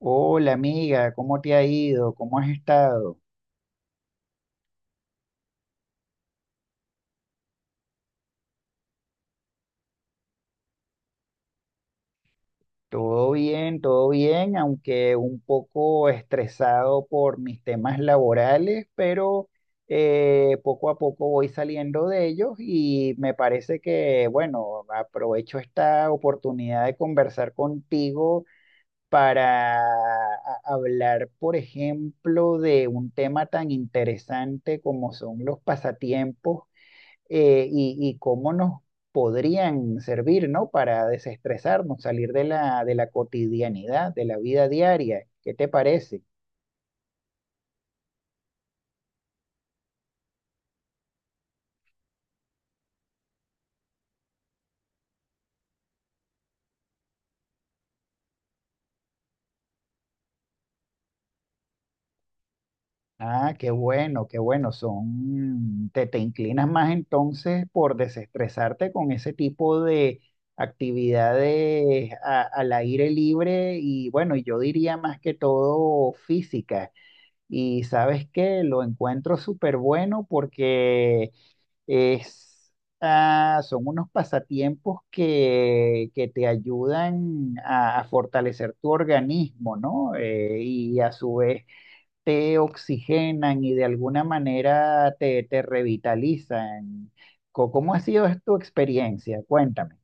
Hola amiga, ¿cómo te ha ido? ¿Cómo has estado? Todo bien, aunque un poco estresado por mis temas laborales, pero poco a poco voy saliendo de ellos y me parece que, bueno, aprovecho esta oportunidad de conversar contigo para hablar, por ejemplo, de un tema tan interesante como son los pasatiempos. ¿Y cómo nos podrían servir, ¿no? Para desestresarnos, salir de la cotidianidad, de la vida diaria. ¿Qué te parece? Ah, qué bueno, qué bueno. Son, te inclinas más entonces por desestresarte con ese tipo de actividades al aire libre y, bueno, yo diría más que todo física. Y sabes qué, lo encuentro súper bueno porque Es, son unos pasatiempos que te ayudan a fortalecer tu organismo, ¿no? Y a su vez te oxigenan y de alguna manera te revitalizan. ¿Cómo ha sido tu experiencia? Cuéntame.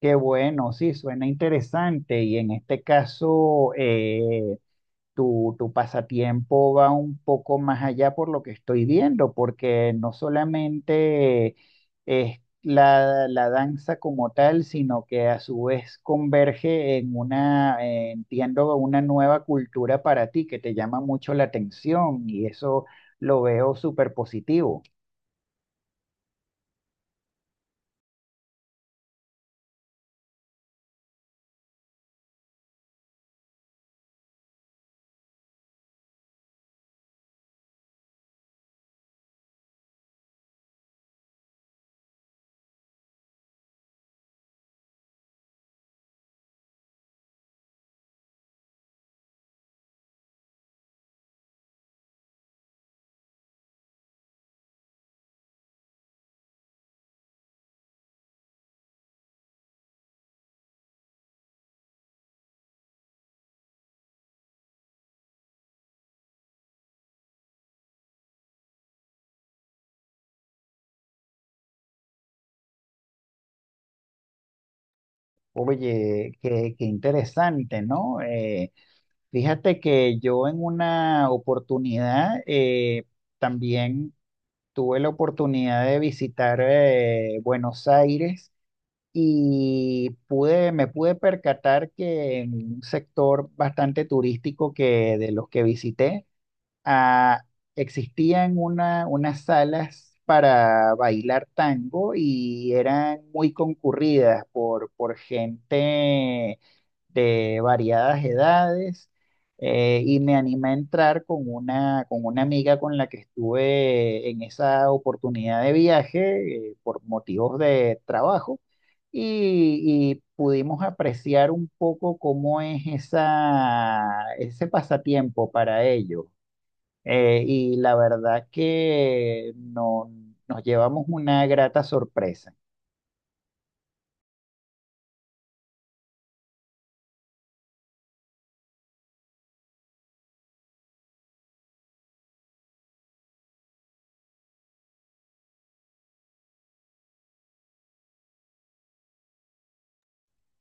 Qué bueno, sí, suena interesante. Y en este caso, tu pasatiempo va un poco más allá por lo que estoy viendo, porque no solamente es la danza como tal, sino que a su vez converge en una, entiendo, una nueva cultura para ti que te llama mucho la atención, y eso lo veo súper positivo. Oye, qué, interesante, ¿no? Fíjate que yo en una oportunidad, también tuve la oportunidad de visitar, Buenos Aires, y pude, me pude percatar que en un sector bastante turístico, que de los que visité, ah, existían una, unas salas para bailar tango y eran muy concurridas por gente de variadas edades. Y me animé a entrar con una amiga con la que estuve en esa oportunidad de viaje, por motivos de trabajo, y pudimos apreciar un poco cómo es esa, ese pasatiempo para ellos. Y la verdad que no, nos llevamos una grata sorpresa.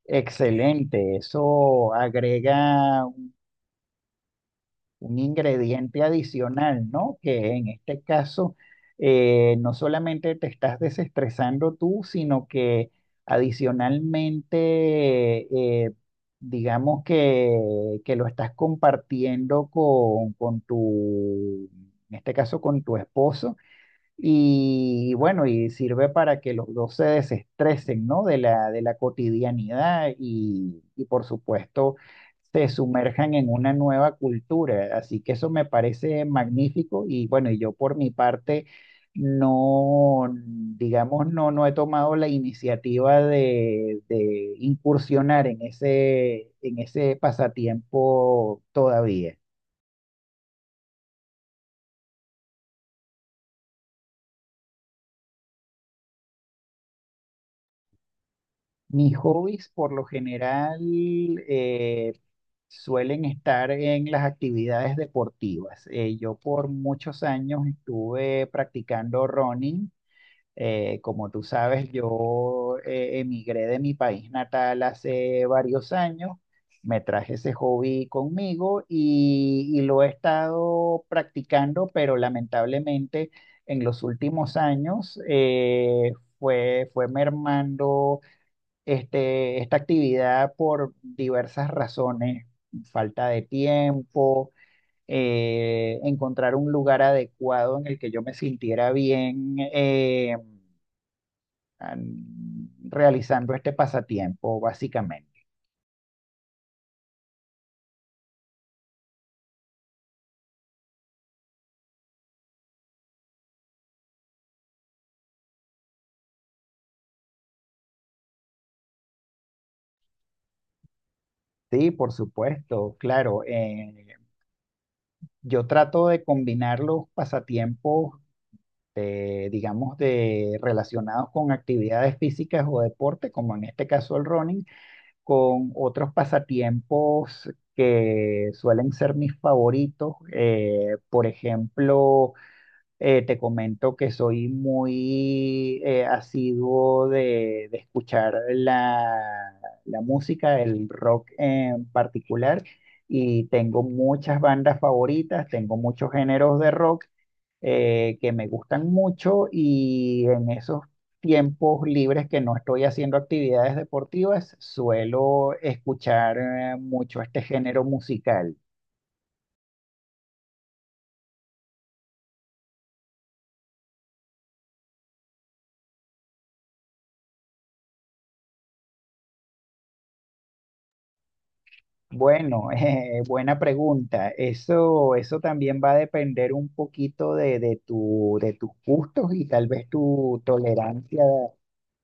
Excelente, eso agrega un ingrediente adicional, ¿no? Que en este caso, no solamente te estás desestresando tú, sino que adicionalmente, eh, digamos que lo estás compartiendo con en este caso con tu esposo. Y bueno, y sirve para que los dos se desestresen, ¿no? De la cotidianidad y por supuesto se sumerjan en una nueva cultura. Así que eso me parece magnífico y, bueno, y yo por mi parte no, digamos, no he tomado la iniciativa de incursionar en ese pasatiempo todavía. Mis hobbies, por lo general, eh, suelen estar en las actividades deportivas. Yo por muchos años estuve practicando running. Como tú sabes, yo, emigré de mi país natal hace varios años. Me traje ese hobby conmigo y lo he estado practicando, pero lamentablemente en los últimos años, fue mermando este, esta actividad por diversas razones: falta de tiempo, encontrar un lugar adecuado en el que yo me sintiera bien, realizando este pasatiempo, básicamente. Sí, por supuesto, claro. Yo trato de combinar los pasatiempos, digamos, relacionados con actividades físicas o deporte, como en este caso el running, con otros pasatiempos que suelen ser mis favoritos. Por ejemplo, te comento que soy muy, asiduo de escuchar la música, el rock en particular. Y tengo muchas bandas favoritas, tengo muchos géneros de rock, que me gustan mucho, y en esos tiempos libres que no estoy haciendo actividades deportivas, suelo escuchar, mucho este género musical. Bueno, buena pregunta. Eso también va a depender un poquito de de tus gustos y tal vez tu tolerancia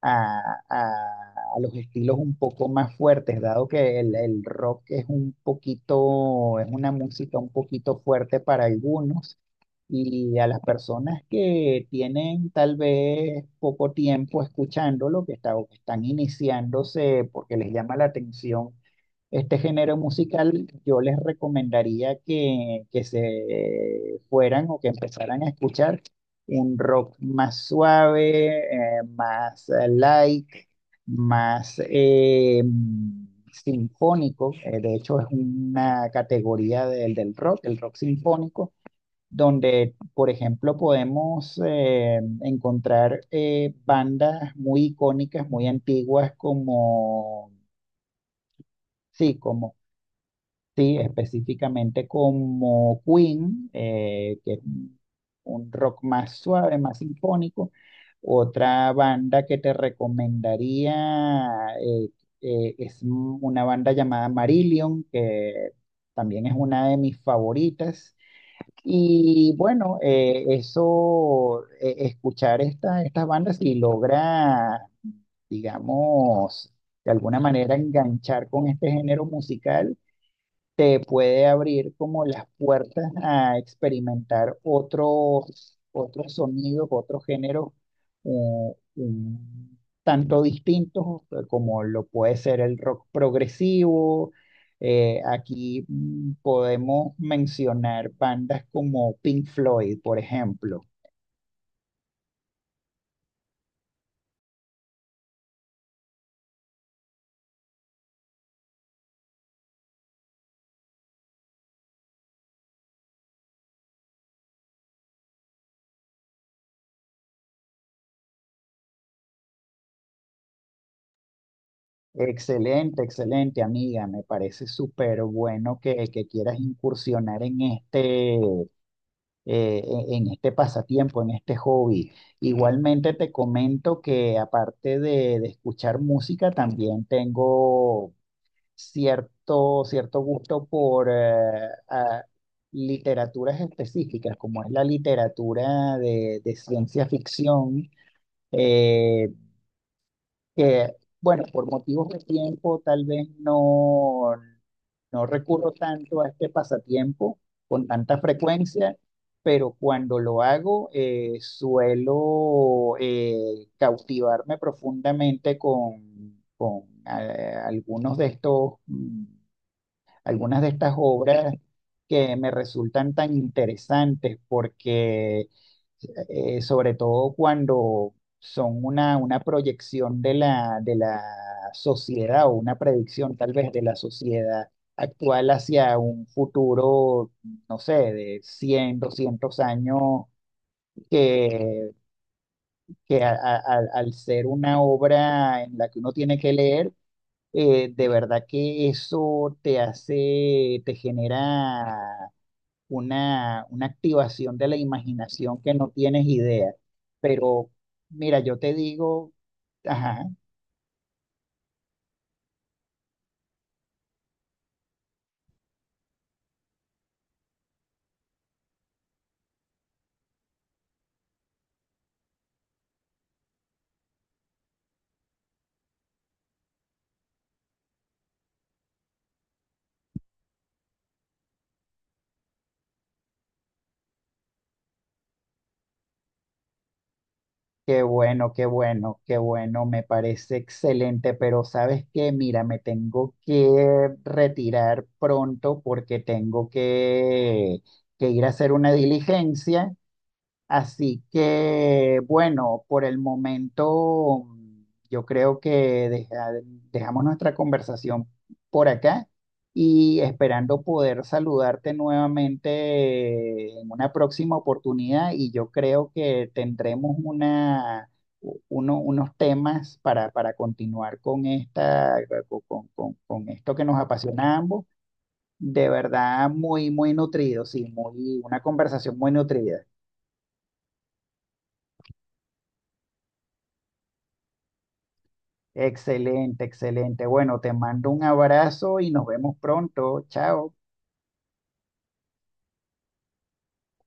a, a- a los estilos un poco más fuertes, dado que el rock es un poquito, es una música un poquito fuerte para algunos. Y a las personas que tienen tal vez poco tiempo escuchándolo, que o que están iniciándose porque les llama la atención este género musical, yo les recomendaría que se fueran o que empezaran a escuchar un rock más suave, más, light, más, sinfónico. De hecho, es una categoría del rock, el rock sinfónico, donde, por ejemplo, podemos, encontrar, bandas muy icónicas, muy antiguas, como... Sí, sí, específicamente como Queen, que es un rock más suave, más sinfónico. Otra banda que te recomendaría, eh, una banda llamada Marillion, que también es una de mis favoritas. Y bueno, eso, escuchar esta, estas bandas y logra, digamos, de alguna manera enganchar con este género musical te puede abrir como las puertas a experimentar otros, otros sonidos, otros géneros, un tanto distintos, como lo puede ser el rock progresivo. Aquí, podemos mencionar bandas como Pink Floyd, por ejemplo. Excelente, excelente amiga, me parece súper bueno que quieras incursionar en este pasatiempo, en este hobby. Igualmente te comento que aparte de escuchar música, también tengo cierto gusto por, literaturas específicas, como es la literatura de ciencia ficción. eh, que, bueno, por motivos de tiempo tal vez no recurro tanto a este pasatiempo con tanta frecuencia, pero cuando lo hago, suelo, cautivarme profundamente con algunos de estos, algunas de estas obras, que me resultan tan interesantes porque, sobre todo cuando son una proyección de la sociedad, o una predicción tal vez de la sociedad actual hacia un futuro, no sé, de 100 200 años, que, al ser una obra en la que uno tiene que leer, de verdad que eso te hace, te genera una activación de la imaginación que no tienes idea. Pero mira, yo te digo, ajá, qué bueno, qué bueno, qué bueno, me parece excelente. Pero sabes qué, mira, me tengo que retirar pronto porque tengo que ir a hacer una diligencia. Así que, bueno, por el momento, yo creo que dejamos nuestra conversación por acá, y esperando poder saludarte nuevamente en una próxima oportunidad. Y yo creo que tendremos unos temas para continuar con con esto que nos apasiona a ambos. De verdad, muy, muy nutrido, sí, muy, una conversación muy nutrida. Excelente, excelente. Bueno, te mando un abrazo y nos vemos pronto. Chao.